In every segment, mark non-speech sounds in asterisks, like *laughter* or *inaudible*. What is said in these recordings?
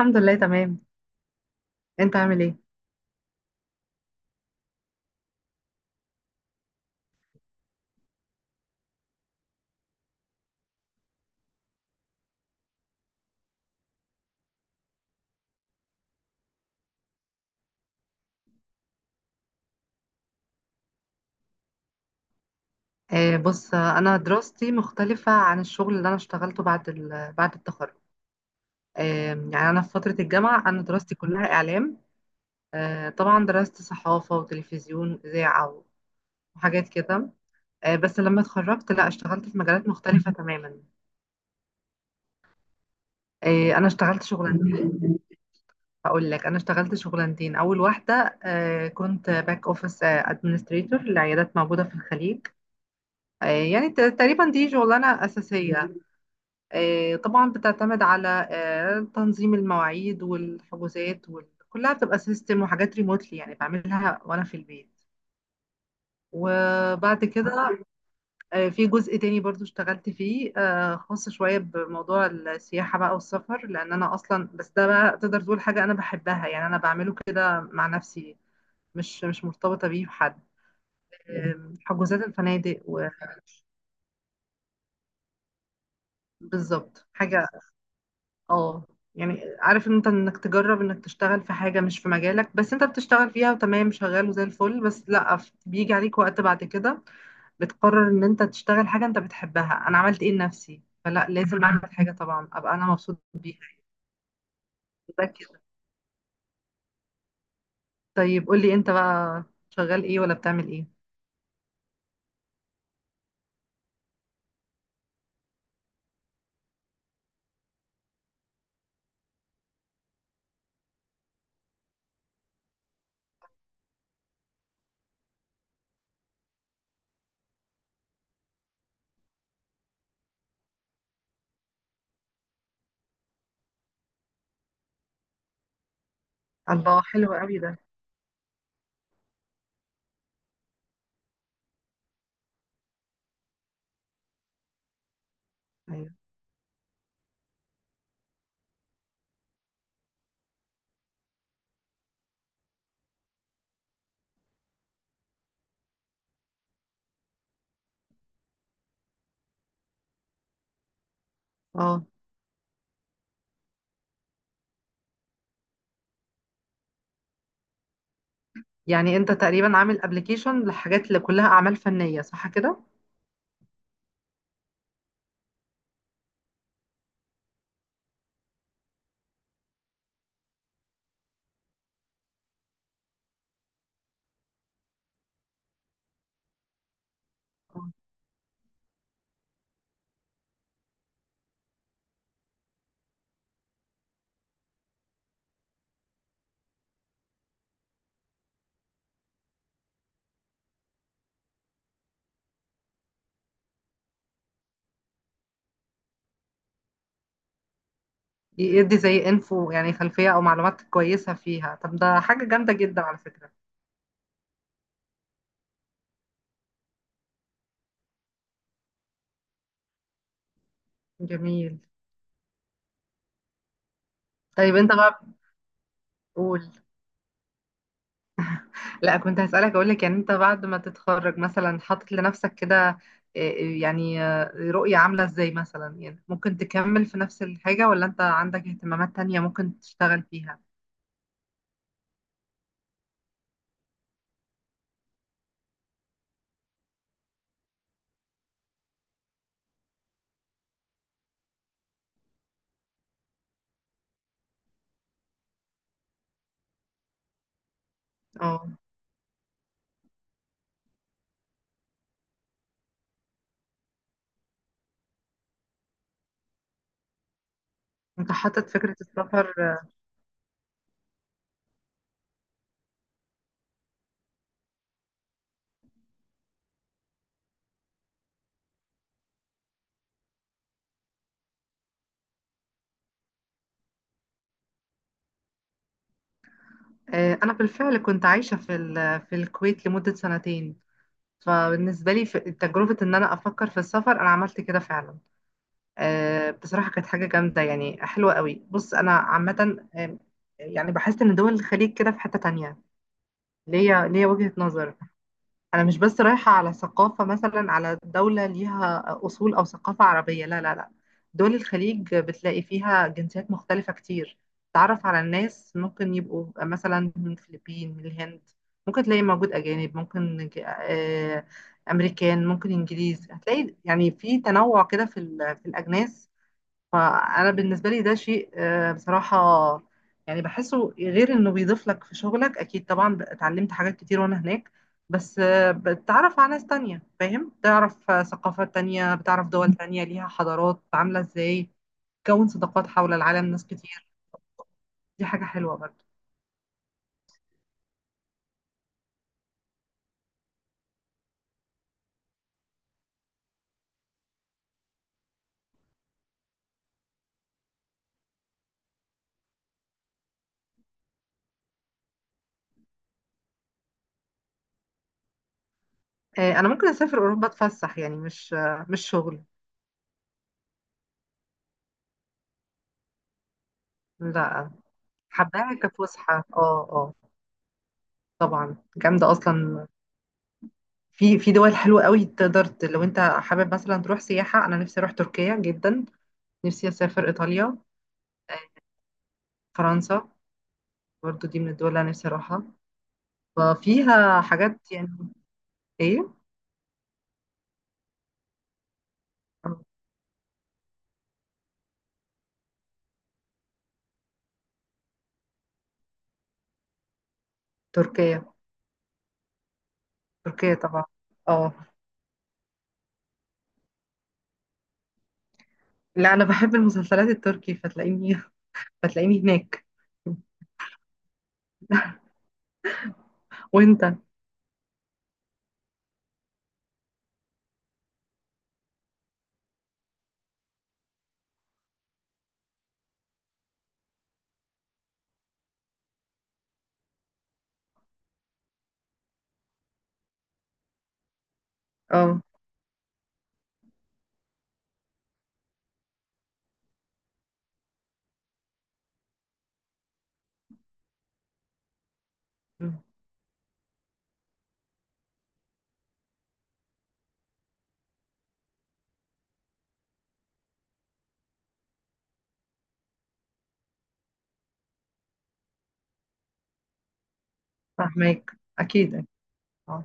الحمد لله تمام. انت عامل ايه؟ بص، انا دراستي مختلفة عن الشغل اللي انا اشتغلته بعد التخرج. آه يعني انا في فترة الجامعة انا دراستي كلها اعلام. طبعا درست صحافة وتلفزيون اذاعة وحاجات كده. بس لما اتخرجت، لا، اشتغلت في مجالات مختلفة تماما. انا اشتغلت شغلانتين. هقول لك، انا اشتغلت شغلانتين. اول واحدة، كنت باك اوفيس ادمنستريتور لعيادات موجودة في الخليج. يعني تقريبا دي شغلانة أساسية. طبعا بتعتمد على تنظيم المواعيد والحجوزات وال... كلها بتبقى سيستم وحاجات ريموتلي، يعني بعملها وانا في البيت. وبعد كده في جزء تاني برضو اشتغلت فيه، خاص شوية بموضوع السياحة بقى والسفر، لأن أنا أصلا بس ده بقى تقدر تقول حاجة أنا بحبها، يعني أنا بعمله كده مع نفسي، مش مرتبطة بيه بحد. حجوزات الفنادق بالظبط، حاجة. اه، يعني عارف ان انت انك تجرب انك تشتغل في حاجة مش في مجالك، بس انت بتشتغل فيها وتمام، شغال وزي الفل، بس لا، بيجي عليك وقت بعد كده بتقرر ان انت تشتغل حاجة انت بتحبها. انا عملت ايه لنفسي؟ فلا، لازم اعمل حاجة طبعا ابقى انا مبسوط بيها. ده كده. طيب قولي انت بقى، شغال ايه ولا بتعمل ايه؟ الله، حلو قوي ده. ايوه. اه، يعني انت تقريبا عامل ابلكيشن للحاجات اللي كلها اعمال فنية، صح كده؟ يدي زي انفو، يعني خلفية او معلومات كويسة فيها. طب ده حاجة جامدة جدا على فكرة. جميل. طيب انت بقى، بتقول. لا، كنت هسألك، اقول لك يعني انت بعد ما تتخرج مثلا حاطط لنفسك كده إيه، يعني رؤية عاملة ازاي مثلا؟ يعني ممكن تكمل في نفس الحاجة ولا انت عندك اهتمامات تانية ممكن تشتغل فيها؟ اه، انت حاطط فكرة السفر. انا بالفعل كنت عايشة في الكويت لمدة سنتين. فبالنسبة لي تجربة ان انا افكر في السفر، انا عملت كده فعلا. بصراحة كانت حاجة جامدة، يعني حلوة قوي. بص أنا عامة، يعني بحس إن دول الخليج كده في حتة تانية. ليا وجهة نظر. أنا مش بس رايحة على ثقافة مثلا على دولة ليها أصول أو ثقافة عربية، لا لا لا. دول الخليج بتلاقي فيها جنسيات مختلفة كتير. تعرف على الناس، ممكن يبقوا مثلا من الفلبين، من الهند، ممكن تلاقي موجود أجانب، ممكن أمريكان، ممكن إنجليز. هتلاقي يعني في تنوع كده في الأجناس. فانا بالنسبه لي ده شيء، بصراحه، يعني بحسه، غير انه بيضيف لك في شغلك، اكيد طبعا اتعلمت حاجات كتير وانا هناك. بس بتتعرف على ناس تانية، فاهم، تعرف ثقافات تانية، بتعرف دول تانية ليها حضارات عامله ازاي، تكون صداقات حول العالم، ناس كتير. دي حاجه حلوه برضه. انا ممكن اسافر اوروبا اتفسح، يعني مش مش شغل. لا، حباها كفسحه، اه، اه. طبعا جامده اصلا. في في دول حلوة قوي، تقدر لو انت حابب مثلا تروح سياحة. انا نفسي اروح تركيا جدا، نفسي اسافر ايطاليا، آه، فرنسا. برضو دي من الدول اللي انا نفسي اروحها. ففيها حاجات يعني. ايه. آه، تركيا. تركيا طبعا. اه. لا، انا بحب المسلسلات التركي فتلاقيني *laughs* فتلاقيني هناك. *laughs* وانت؟ اه، فاهمك اكيد. اه،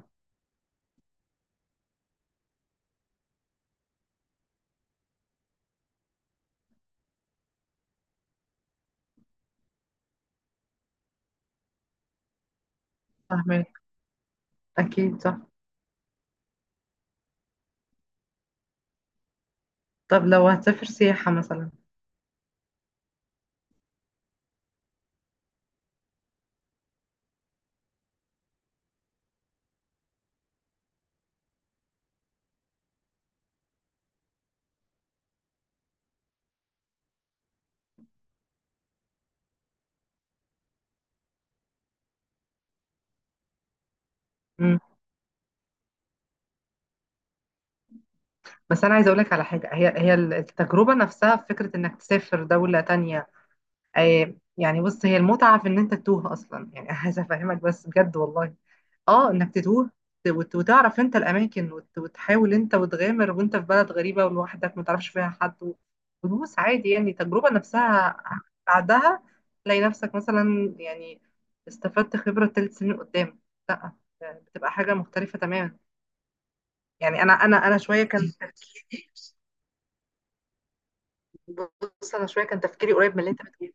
فاهمك اكيد، صح. طب لو هتسافر سياحة مثلا، بس انا عايزه اقول لك على حاجه، هي التجربه نفسها في فكره انك تسافر دوله تانية. يعني بص، هي المتعه في ان انت تتوه اصلا، يعني *laughs* عايزه افهمك بس بجد والله. اه، انك تتوه وت- وتعرف انت الاماكن، وت- وتحاول انت وتغامر وانت في بلد غريبه ولوحدك ما تعرفش فيها حد، وتدوس عادي. يعني التجربه نفسها بعدها تلاقي نفسك مثلا، يعني استفدت خبره 3 سنين قدام. لا، بتبقى حاجه مختلفه تماما. يعني انا شويه كان *laughs* تفكيري. بص انا شويه كان تفكيري قريب من اللي انت بتقوله.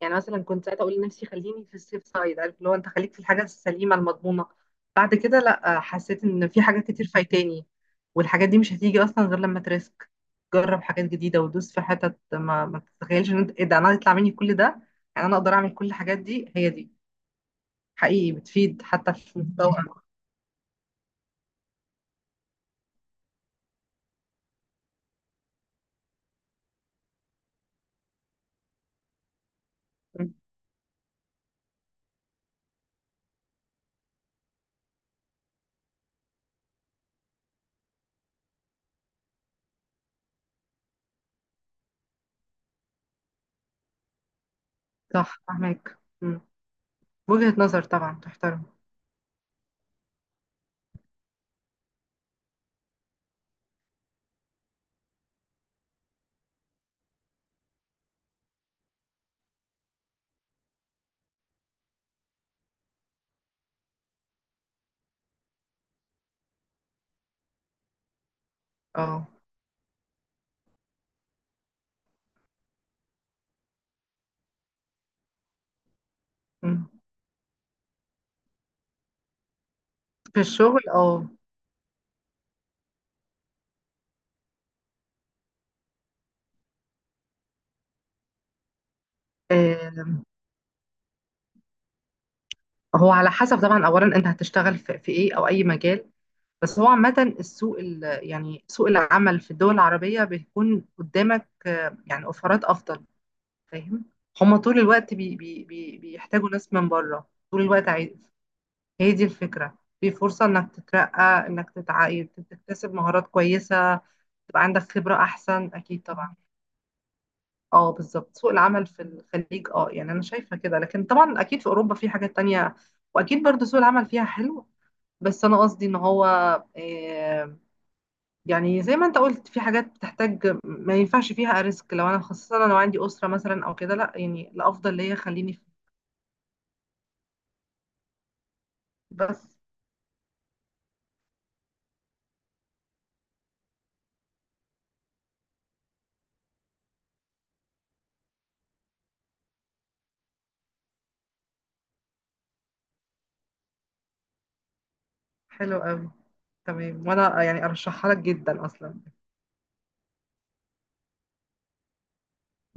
يعني مثلا كنت ساعتها اقول لنفسي خليني في السيف سايد، عارف اللي هو انت خليك في الحاجه السليمه المضمونه. بعد كده لا، حسيت ان في حاجات كتير فايتاني، والحاجات دي مش هتيجي اصلا غير لما تريسك. جرب حاجات جديده ودوس في حتت ما تتخيلش ان انت ايه ده، انا يطلع مني كل ده؟ يعني انا اقدر اعمل كل الحاجات دي. هي دي حقيقي بتفيد حتى في مستوى. مم. صح، فاهمك. مم. وجهه نظر طبعا تحترم. اه. مم. في الشغل، اه. آه، هو على حسب طبعا، اولا انت هتشتغل في ايه او اي مجال؟ بس هو عامة السوق ال- يعني سوق العمل في الدول العربية بيكون قدامك، يعني اوفرات افضل، فاهم؟ هما طول الوقت بي بي بي بيحتاجوا ناس من بره طول الوقت، عايز. هي دي الفكرة، في فرصة انك تترقى، انك تتعاقد، تكتسب مهارات كويسة، تبقى عندك خبرة احسن اكيد طبعا. اه بالظبط، سوق العمل في الخليج اه، يعني انا شايفة كده. لكن طبعا اكيد في اوروبا في حاجات تانية، واكيد برضو سوق العمل فيها حلو. بس انا قصدي ان هو آه، يعني زي ما انت قلت، في حاجات بتحتاج ما ينفعش فيها ريسك، لو انا خاصة لو عندي أسرة مثلا او كده، لا، يعني الافضل ليا خليني في. بس حلو قوي. تمام، وانا يعني ارشحها لك جدا اصلا.